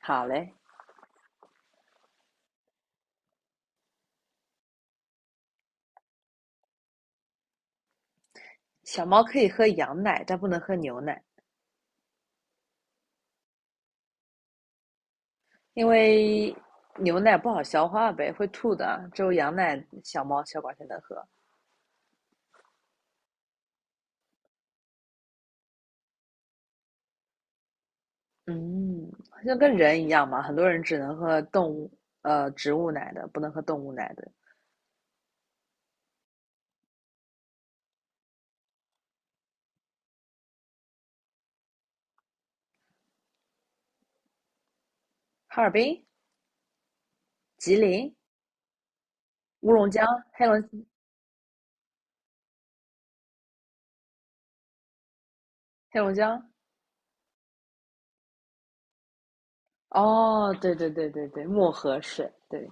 好嘞。小猫可以喝羊奶，但不能喝牛奶，因为牛奶不好消化呗，会吐的。只有羊奶，小猫、小狗才能喝。嗯，就跟人一样嘛，很多人只能喝动物植物奶的，不能喝动物奶的。哈尔滨、吉林、乌龙江、黑龙黑龙江。哦，对对对对对，漠河水。对。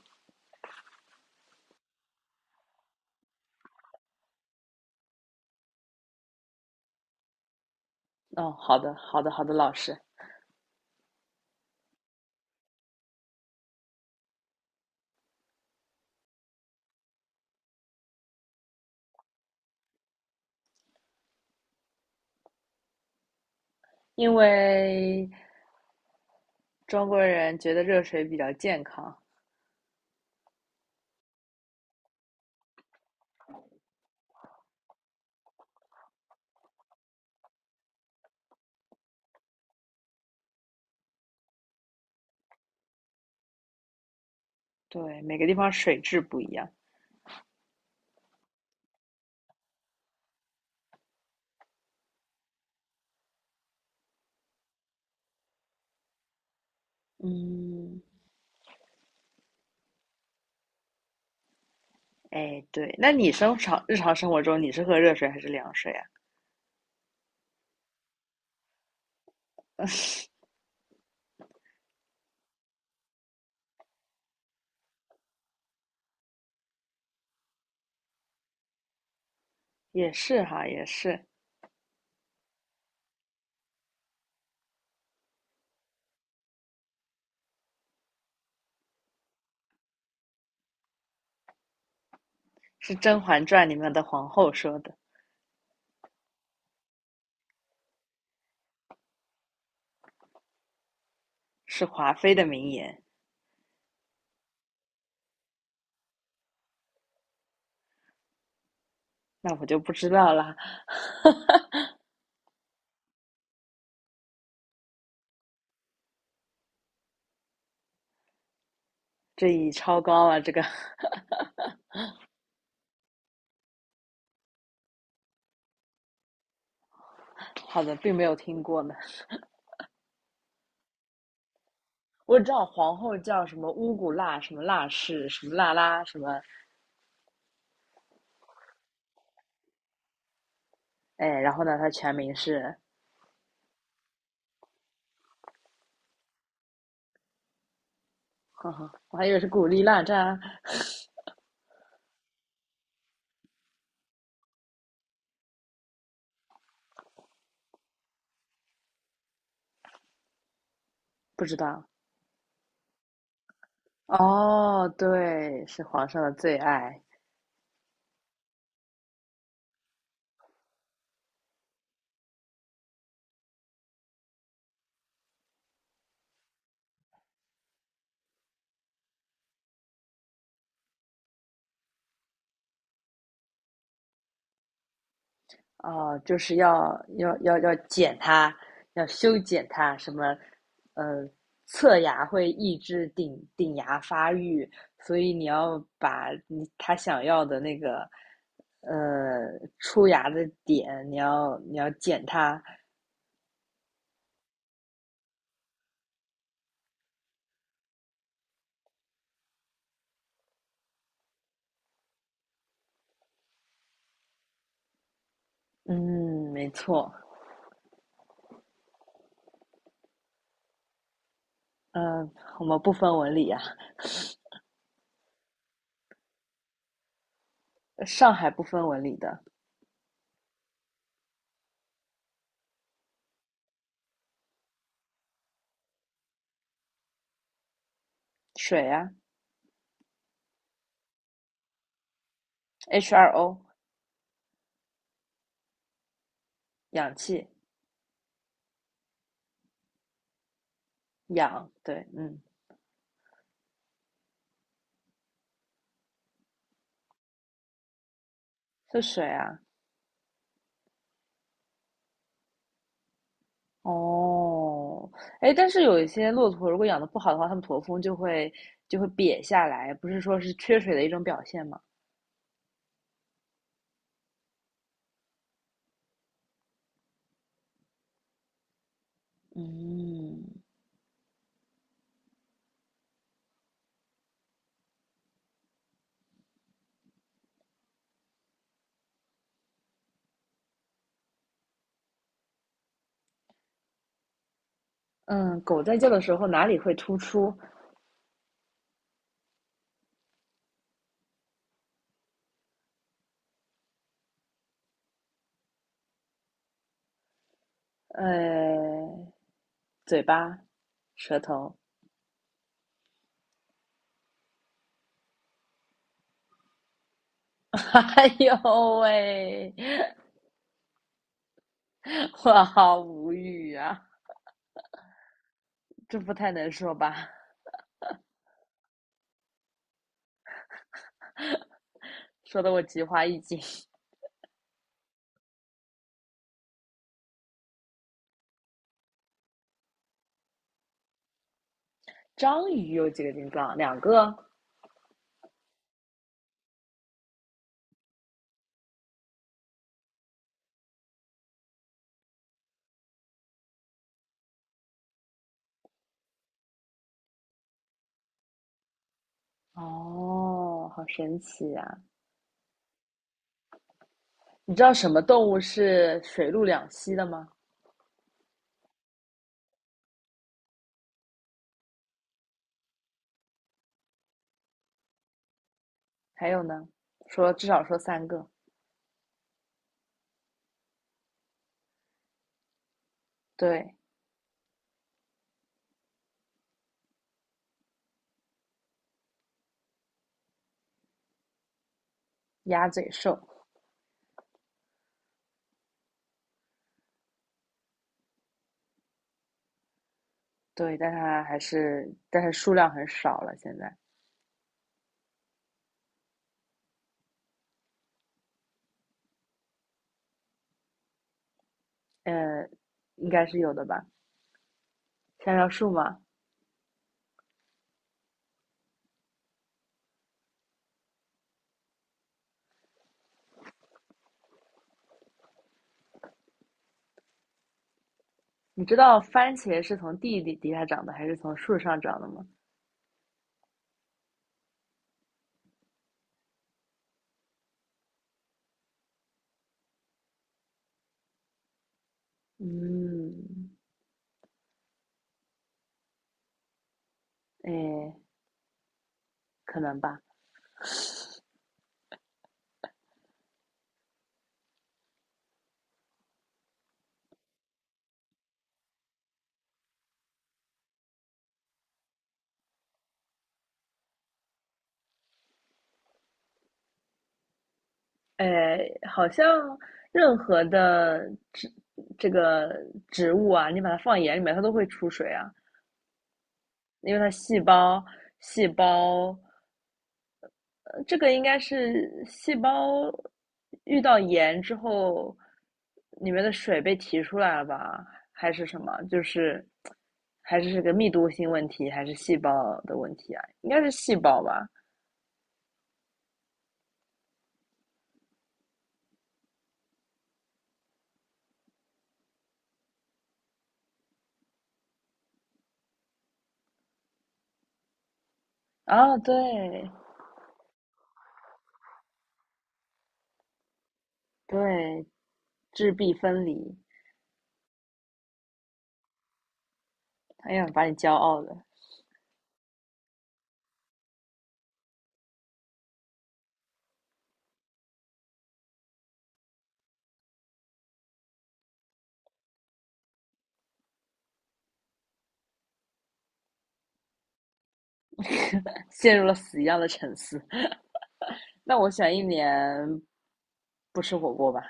哦，好的好的好的，老师。因为中国人觉得热水比较健康。对，每个地方水质不一样。嗯，哎，对，那你日常生活中你是喝热水还是凉水啊？也是哈，也是。是《甄嬛传》里面的皇后说的。是华妃的名言。那我就不知道啦。这已超高了。这个 好的，并没有听过呢。我知道皇后叫什么乌古辣，什么辣氏，什么辣拉，什么哎，然后呢，她全名是，呵呵，我还以为是古力娜扎。不知道。哦，对，是皇上的最爱。哦，就是要剪它，要修剪它，什么，呃，侧牙会抑制顶牙发育，所以你要把你他想要的那个，呃，出牙的点，你要剪它。嗯，没错。嗯，我们不分文理啊。上海不分文理的。水啊，H2O，氧气，氧，对，嗯，是水啊。哦，哎，但是有一些骆驼，如果养的不好的话，它们驼峰就会瘪下来，不是说是缺水的一种表现吗？嗯。嗯，狗在叫的时候哪里会突出？呃，嘴巴、舌头。哎呦喂，我好无语啊！这不太能说吧？说的我菊花一紧。章鱼有几个心脏？两个。哦，好神奇啊。你知道什么动物是水陆两栖的吗？还有呢，说至少说三个。对，鸭嘴兽。对，但它还是，但是数量很少了，现在。呃，应该是有的吧？香蕉树嘛。你知道番茄是从地底下长的还是从树上长的吗？嗯，哎，可能吧。哎，好像任何的植这个植物啊，你把它放眼里面，它都会出水啊。因为它细胞细胞这个应该是细胞遇到盐之后，里面的水被提出来了吧？还是什么？就是还是这个密度性问题，还是细胞的问题啊？应该是细胞吧？啊，对对，质壁分离。哎呀，把你骄傲的陷入了死一样的沉思。那我选一年不吃火锅吧。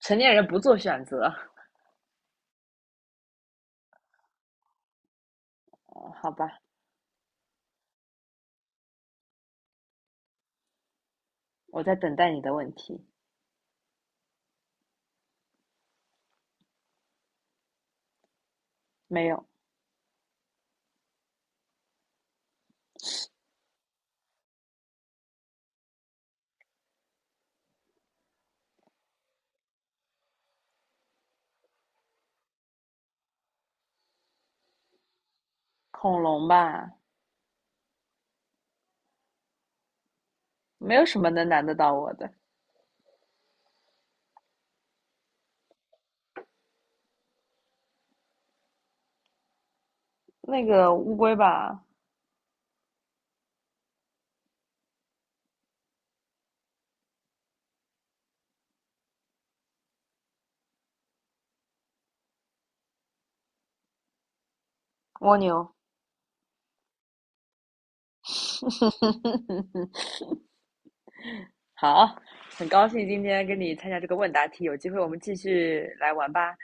成年人不做选择。哦好吧。我在等待你的问题。没有。恐龙吧？没有什么能难得到我的。那个乌龟吧。蜗牛。好，很高兴今天跟你参加这个问答题，有机会我们继续来玩吧。